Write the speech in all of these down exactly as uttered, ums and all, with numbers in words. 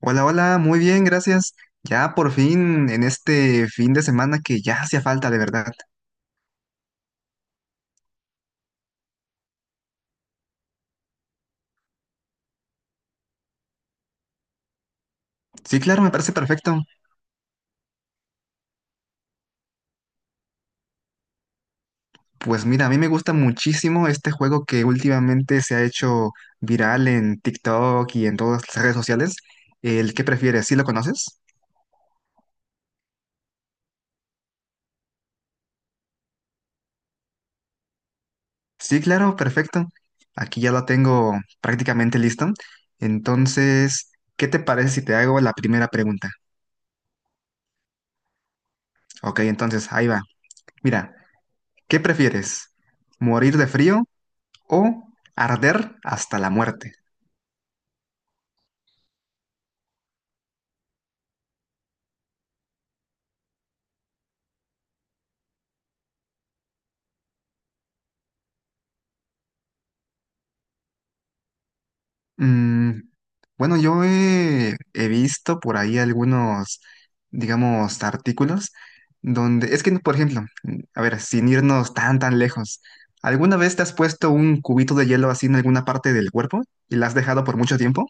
Hola, hola, muy bien, gracias. Ya por fin en este fin de semana que ya hacía falta, de verdad. Sí, claro, me parece perfecto. Pues mira, a mí me gusta muchísimo este juego que últimamente se ha hecho viral en TikTok y en todas las redes sociales. ¿El que prefieres? ¿Sí lo conoces? Sí, claro, perfecto. Aquí ya lo tengo prácticamente listo. Entonces, ¿qué te parece si te hago la primera pregunta? Ok, entonces ahí va. Mira, ¿qué prefieres? ¿Morir de frío o arder hasta la muerte? Mm, bueno, yo he, he visto por ahí algunos, digamos, artículos donde, es que, por ejemplo, mm, a ver, sin irnos tan, tan lejos, ¿alguna vez te has puesto un cubito de hielo así en alguna parte del cuerpo y la has dejado por mucho tiempo?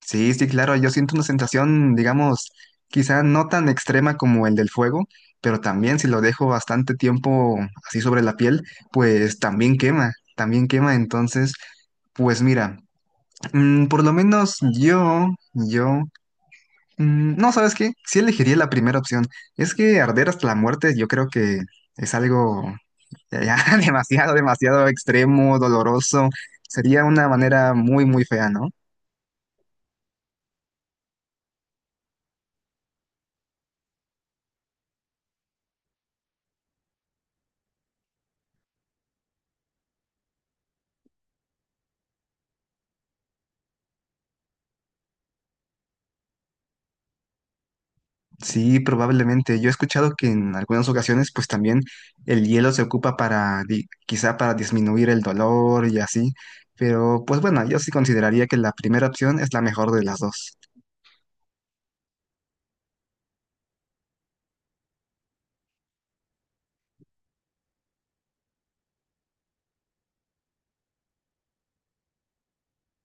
Sí, sí, claro, yo siento una sensación, digamos, quizá no tan extrema como el del fuego, pero también si lo dejo bastante tiempo así sobre la piel, pues también quema, también quema. Entonces, pues mira, mm, por lo menos yo, yo, mm, no, ¿sabes qué? Sí elegiría la primera opción. Es que arder hasta la muerte yo creo que es algo ya, ya demasiado, demasiado extremo, doloroso. Sería una manera muy, muy fea, ¿no? Sí, probablemente. Yo he escuchado que en algunas ocasiones, pues también el hielo se ocupa para, di- quizá para disminuir el dolor y así. Pero, pues bueno, yo sí consideraría que la primera opción es la mejor de las dos.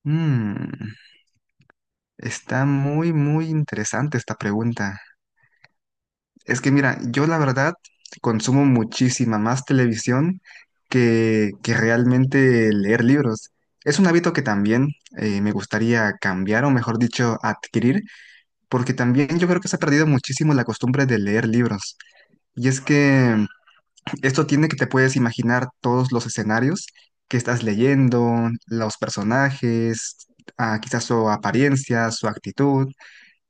Mm, está muy, muy interesante esta pregunta. Es que mira, yo la verdad consumo muchísima más televisión que, que realmente leer libros. Es un hábito que también eh, me gustaría cambiar, o mejor dicho, adquirir. Porque también yo creo que se ha perdido muchísimo la costumbre de leer libros. Y es que mm, esto tiene que te puedes imaginar todos los escenarios que estás leyendo, los personajes, ah, quizás su apariencia, su actitud.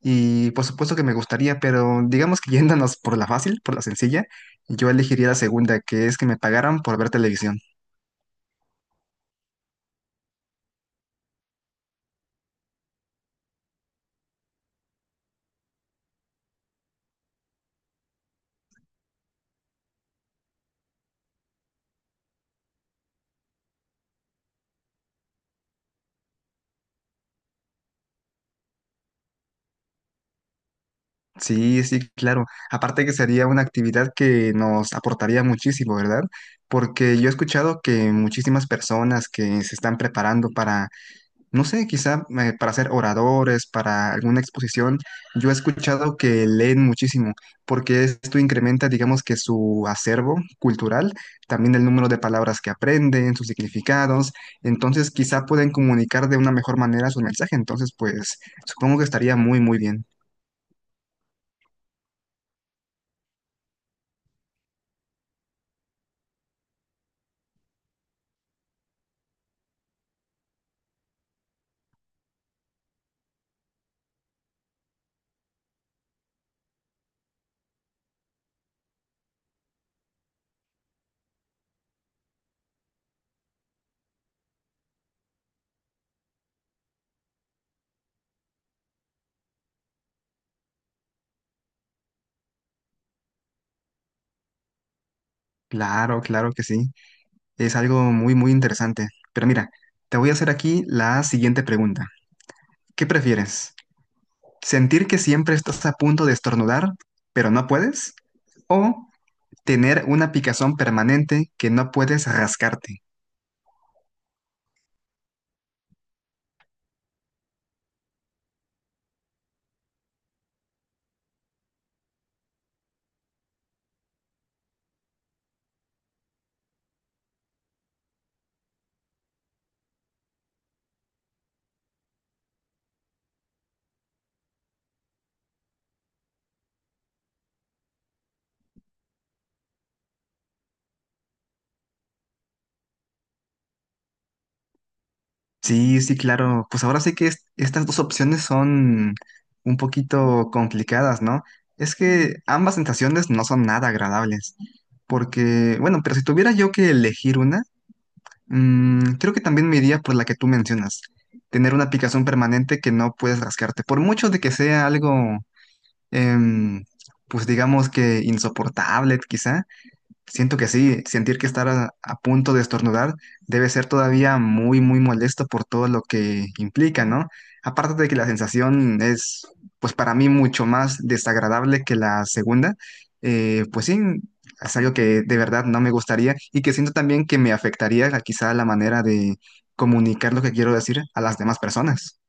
Y por supuesto que me gustaría, pero digamos que yéndonos por la fácil, por la sencilla, yo elegiría la segunda, que es que me pagaran por ver televisión. Sí, sí, claro. Aparte que sería una actividad que nos aportaría muchísimo, ¿verdad? Porque yo he escuchado que muchísimas personas que se están preparando para, no sé, quizá eh, para ser oradores, para alguna exposición, yo he escuchado que leen muchísimo, porque esto incrementa, digamos que su acervo cultural, también el número de palabras que aprenden, sus significados, entonces quizá pueden comunicar de una mejor manera su mensaje, entonces pues supongo que estaría muy, muy bien. Claro, claro que sí. Es algo muy, muy interesante. Pero mira, te voy a hacer aquí la siguiente pregunta. ¿Qué prefieres? ¿Sentir que siempre estás a punto de estornudar, pero no puedes? ¿O tener una picazón permanente que no puedes rascarte? Sí, sí, claro. Pues ahora sí que es- estas dos opciones son un poquito complicadas, ¿no? Es que ambas sensaciones no son nada agradables. Porque, bueno, pero si tuviera yo que elegir una, Mm, creo que también me iría por la que tú mencionas, tener una picazón permanente que no puedes rascarte, por mucho de que sea algo, em, pues digamos que insoportable quizá, siento que sí, sentir que estar a, a punto de estornudar debe ser todavía muy, muy molesto por todo lo que implica, ¿no? Aparte de que la sensación es, pues para mí, mucho más desagradable que la segunda, eh, pues sí, es algo que de verdad no me gustaría y que siento también que me afectaría la- quizá la manera de comunicar lo que quiero decir a las demás personas.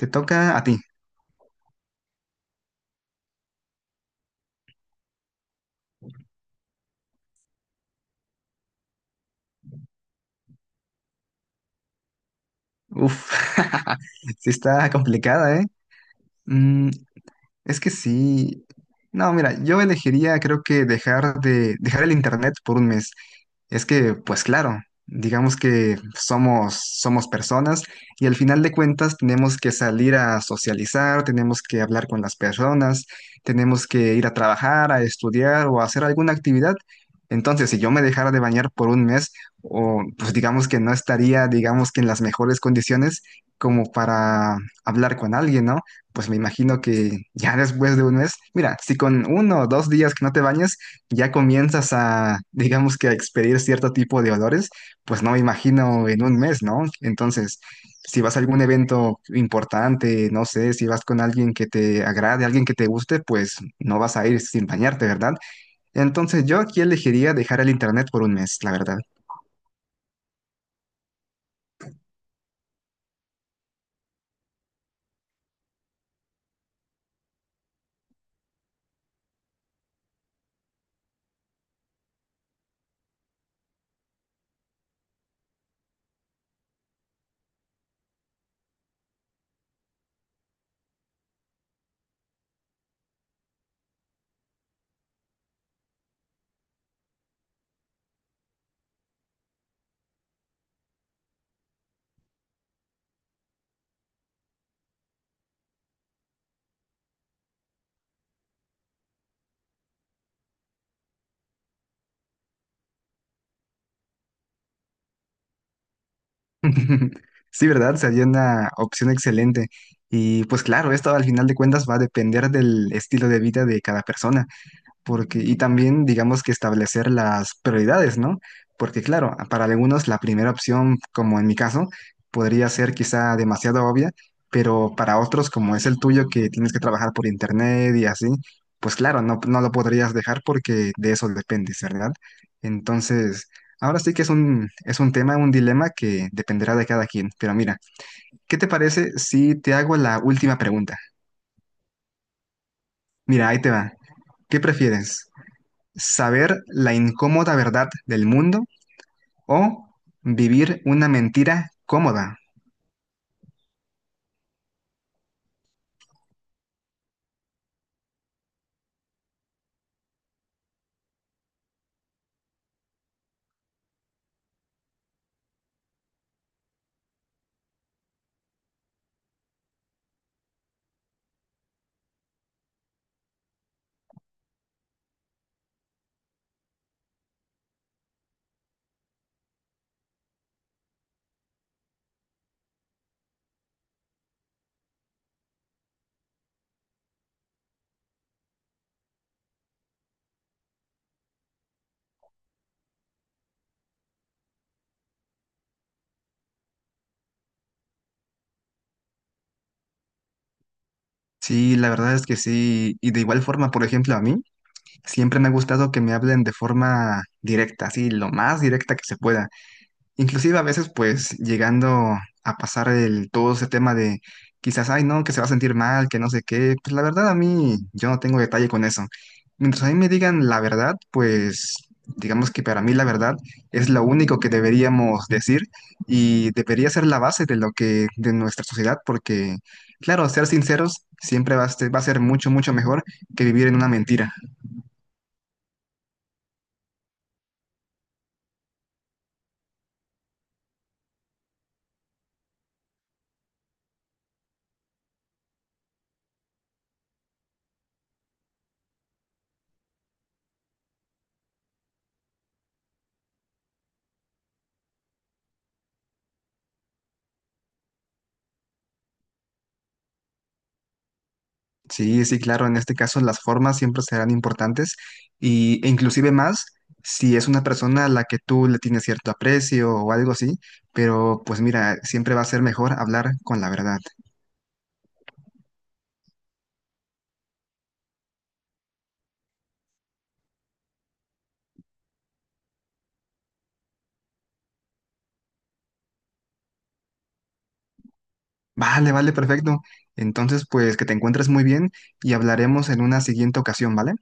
Te toca a ti. Uf, sí está complicada, ¿eh? Mm, Es que sí. No, mira, yo elegiría, creo que dejar de dejar el internet por un mes. Es que, pues claro, digamos que somos somos personas y al final de cuentas tenemos que salir a socializar, tenemos que hablar con las personas, tenemos que ir a trabajar, a estudiar o a hacer alguna actividad. Entonces, si yo me dejara de bañar por un mes, o pues digamos que no estaría, digamos que en las mejores condiciones como para hablar con alguien, ¿no? Pues me imagino que ya después de un mes, mira, si con uno o dos días que no te bañes ya comienzas a, digamos que a expedir cierto tipo de olores, pues no me imagino en un mes, ¿no? Entonces, si vas a algún evento importante, no sé, si vas con alguien que te agrade, alguien que te guste, pues no vas a ir sin bañarte, ¿verdad? Entonces yo aquí elegiría dejar el internet por un mes, la verdad. Sí, ¿verdad? Sería una opción excelente. Y pues claro, esto al final de cuentas va a depender del estilo de vida de cada persona. Porque, y también, digamos que establecer las prioridades, ¿no? Porque, claro, para algunos la primera opción, como en mi caso, podría ser quizá demasiado obvia, pero para otros, como es el tuyo, que tienes que trabajar por internet y así, pues claro, no, no lo podrías dejar porque de eso dependes, ¿verdad? Entonces, ahora sí que es un, es un tema, un dilema que dependerá de cada quien. Pero mira, ¿qué te parece si te hago la última pregunta? Mira, ahí te va. ¿Qué prefieres? ¿Saber la incómoda verdad del mundo o vivir una mentira cómoda? Sí, la verdad es que sí. Y de igual forma, por ejemplo, a mí siempre me ha gustado que me hablen de forma directa, así lo más directa que se pueda. Inclusive a veces pues llegando a pasar el, todo ese tema de quizás, ay no, que se va a sentir mal, que no sé qué, pues la verdad a mí yo no tengo detalle con eso. Mientras a mí me digan la verdad, pues digamos que para mí la verdad es lo único que deberíamos decir y debería ser la base de lo que, de nuestra sociedad, porque claro, ser sinceros siempre va a, ser- va a ser mucho, mucho mejor que vivir en una mentira. Sí, sí, claro, en este caso las formas siempre serán importantes y, e inclusive más si es una persona a la que tú le tienes cierto aprecio o algo así, pero pues mira, siempre va a ser mejor hablar con la verdad. Vale, vale, perfecto. Entonces, pues que te encuentres muy bien y hablaremos en una siguiente ocasión, ¿vale?